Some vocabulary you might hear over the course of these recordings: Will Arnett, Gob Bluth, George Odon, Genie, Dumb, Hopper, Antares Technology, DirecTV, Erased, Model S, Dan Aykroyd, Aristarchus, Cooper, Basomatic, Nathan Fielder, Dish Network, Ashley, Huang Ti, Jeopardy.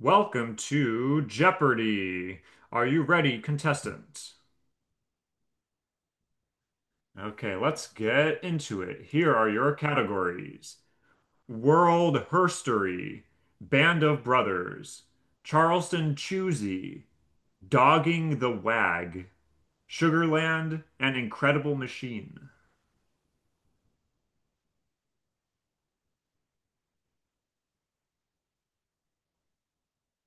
Welcome to Jeopardy! Are you ready, contestant? Okay, let's get into it. Here are your categories: World Herstory, Band of Brothers, Charleston Choosy, Dogging the Wag, Sugarland, and Incredible Machine.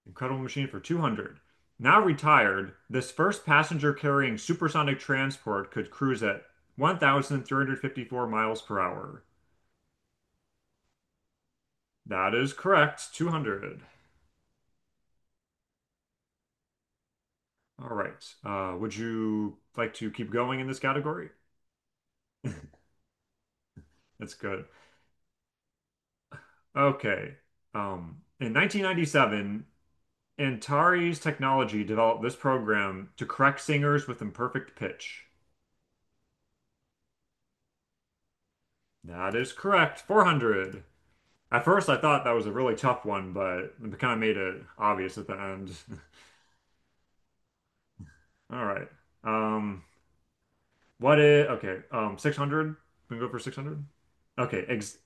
Incredible Machine for 200. Now retired, this first passenger carrying supersonic transport could cruise at 1,354 miles per hour. That is correct. 200. All right. Would you like to keep going in this category? That's good. Okay. In 1997, Antares Technology developed this program to correct singers with imperfect pitch. That is correct. 400. At first, I thought that was a really tough one, but it kind of made it obvious at the end. All right. Um, what is, okay, 600? We can go for 600? Okay, ex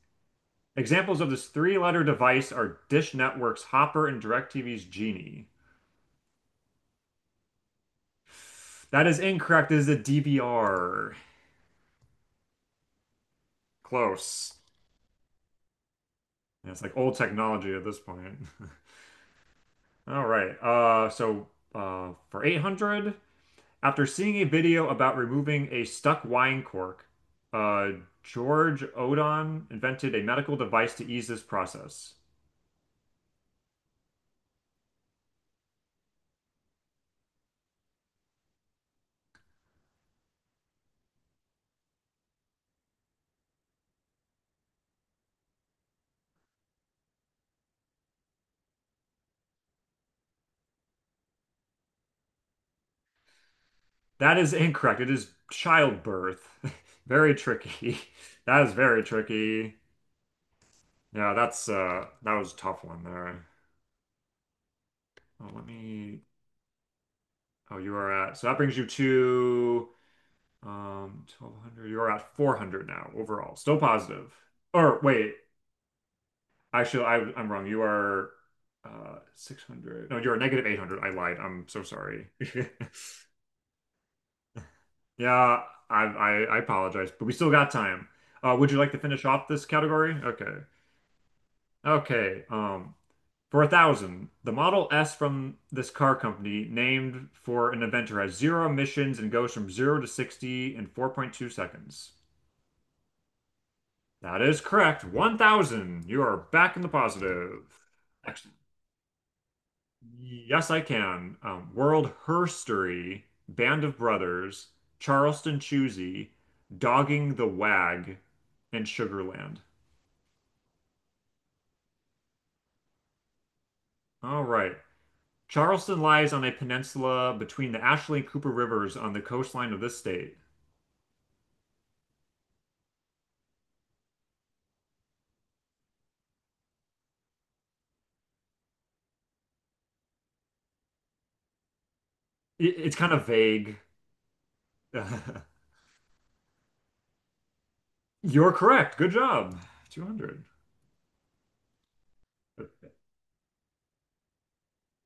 Examples of this three-letter device are Dish Network's Hopper and DirecTV's Genie. That is incorrect. It is a DVR. Close. Yeah, it's like old technology at this point. All right. For 800, after seeing a video about removing a stuck wine cork, uh, George Odon invented a medical device to ease this process. That is incorrect. It is childbirth. Very tricky. That is very tricky. Yeah, that's that was a tough one there. Oh, let me oh you are at so that brings you to 1200. You're at 400 now overall. Still positive. Or wait, actually I'm wrong. You are 600. No, you're 800. I lied. I'm so sorry. Yeah, I apologize, but we still got time. Would you like to finish off this category? Okay. Okay. For a thousand, the Model S from this car company, named for an inventor, has zero emissions and goes from zero to 60 in 4.2 seconds. That is correct. 1,000. You are back in the positive. Excellent. Yes, I can. World Herstory, Band of Brothers, Charleston Choosy, Dogging the Wag, and Sugarland. All right. Charleston lies on a peninsula between the Ashley and Cooper Rivers on the coastline of this state. It's kind of vague. You're correct. Good job. 200.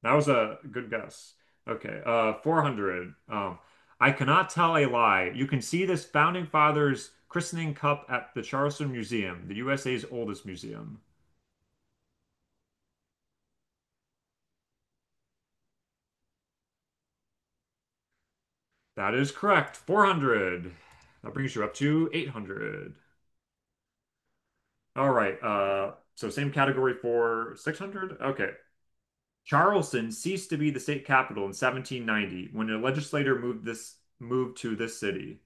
That was a good guess. Okay, 400. I cannot tell a lie. You can see this founding father's christening cup at the Charleston Museum, the USA's oldest museum. That is correct. 400. That brings you up to 800. All right. Same category for 600. Okay. Charleston ceased to be the state capital in 1790 when a legislator moved to this city.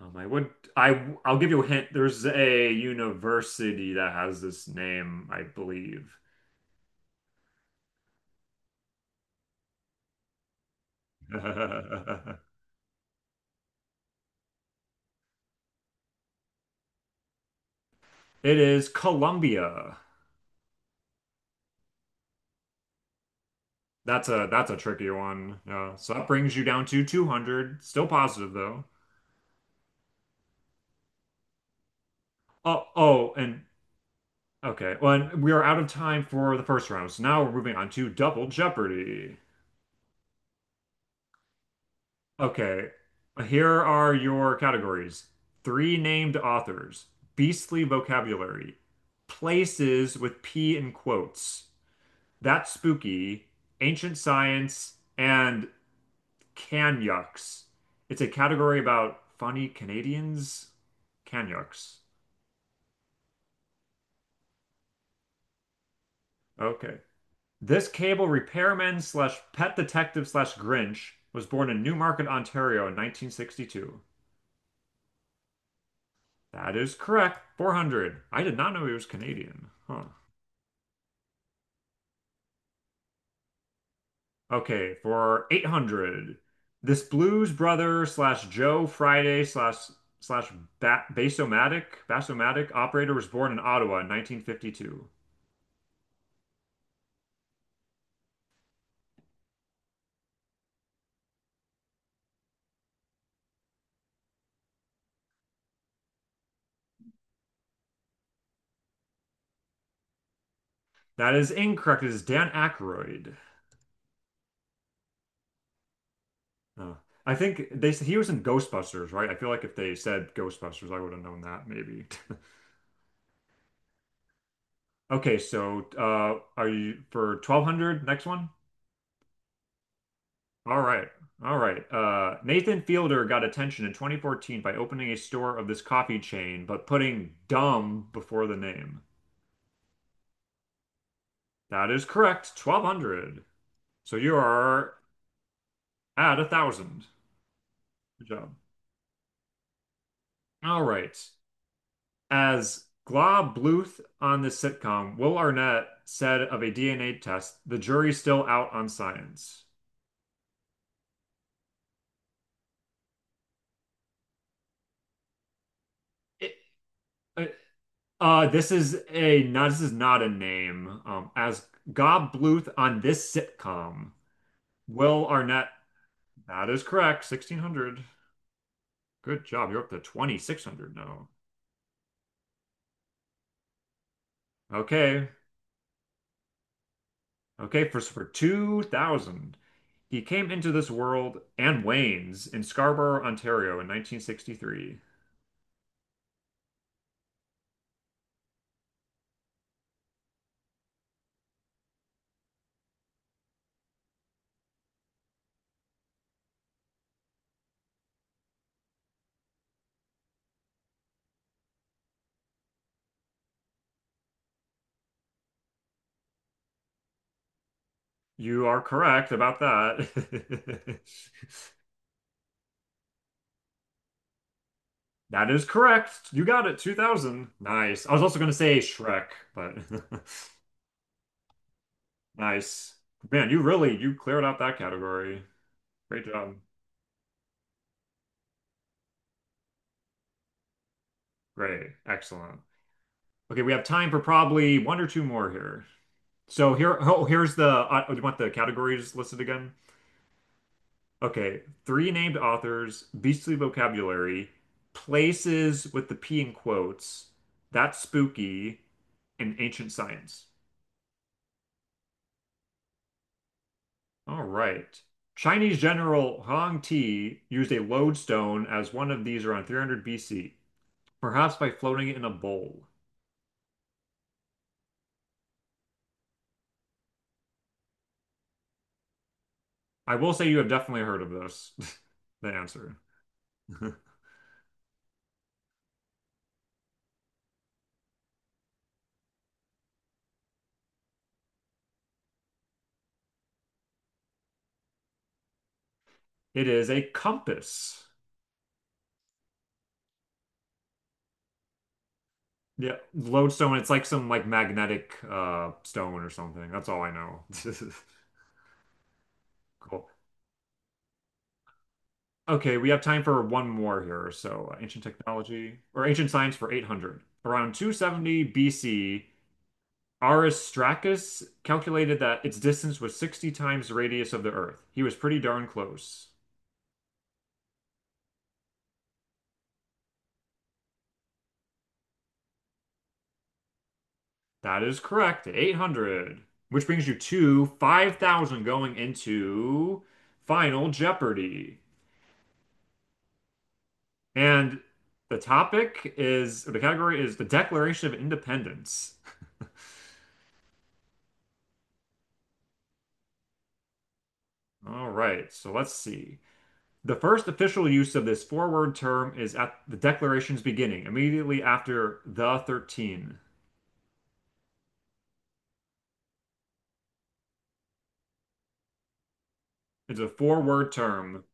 I would I I'll give you a hint. There's a university that has this name, I believe. It is Columbia. That's a trickier one. Yeah. So that brings you down to 200. Still positive though. Oh oh and okay. Well, and we are out of time for the first round. So now we're moving on to Double Jeopardy. Okay, here are your categories. Three named authors, beastly vocabulary, places with P in quotes, that's spooky, ancient science, and canyucks. It's a category about funny Canadians. Canyucks. Okay. This cable repairman slash pet detective slash Grinch was born in Newmarket, Ontario in 1962. That is correct. 400. I did not know he was Canadian. Huh. Okay, for 800. This blues brother slash Joe Friday slash slash Basomatic operator was born in Ottawa in 1952. That is incorrect. It is Dan Aykroyd. Oh. I think they he was in Ghostbusters, right? I feel like if they said Ghostbusters, I would have known that maybe. Okay, so are you for 1200? Next one. All right. All right. Nathan Fielder got attention in 2014 by opening a store of this coffee chain, but putting dumb before the name. That is correct. 1200. So you are at a thousand. Good job. All right. As Glob Bluth on this sitcom, Will Arnett said of a DNA test, the jury's still out on science. It- uh, this is a not. This is not a name. As Gob Bluth on this sitcom. Will Arnett. That is correct. 1600. Good job. You're up to 2600 now. Okay. Okay. For 2000, he came into this world and wanes in Scarborough, Ontario in 1963. You are correct about that. That is correct. You got it. 2000. Nice. I was also going to say Shrek, but nice. Man, you cleared out that category. Great job. Great. Excellent. Okay, we have time for probably one or two more here. So here, you want the categories listed again? Okay, three named authors, beastly vocabulary, places with the P in quotes, that's spooky, and ancient science. All right. Chinese general Huang Ti used a lodestone as one of these around 300 BC, perhaps by floating it in a bowl. I will say you have definitely heard of this, the answer. It is a compass. Yeah, lodestone. It's like some like magnetic stone or something. That's all I know. Cool. Okay, we have time for one more here. So, ancient technology or ancient science for 800. Around 270 BC, Aristarchus calculated that its distance was 60 times the radius of the Earth. He was pretty darn close. That is correct. 800, which brings you to 5,000 going into Final Jeopardy. And the topic is, or the category is the Declaration of Independence. All right, so let's see. The first official use of this four-word term is at the Declaration's beginning, immediately after the 13. It's a four-word term.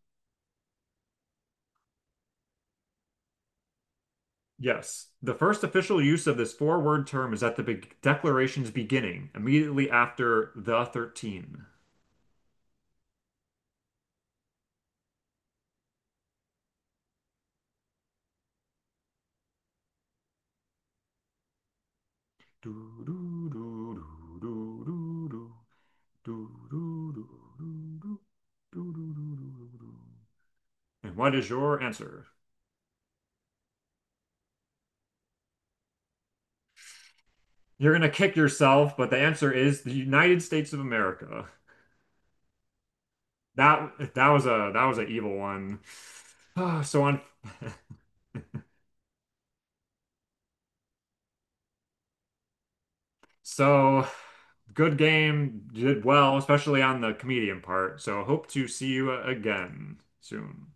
Yes. The first official use of this four-word term is at the be Declaration's beginning, immediately after the 13. Do, do, do, do, do, do, do. And what is your answer? You're gonna kick yourself, but the answer is the United States of America. That was an evil one. Ah, So good game, did well, especially on the comedian part. So hope to see you again soon.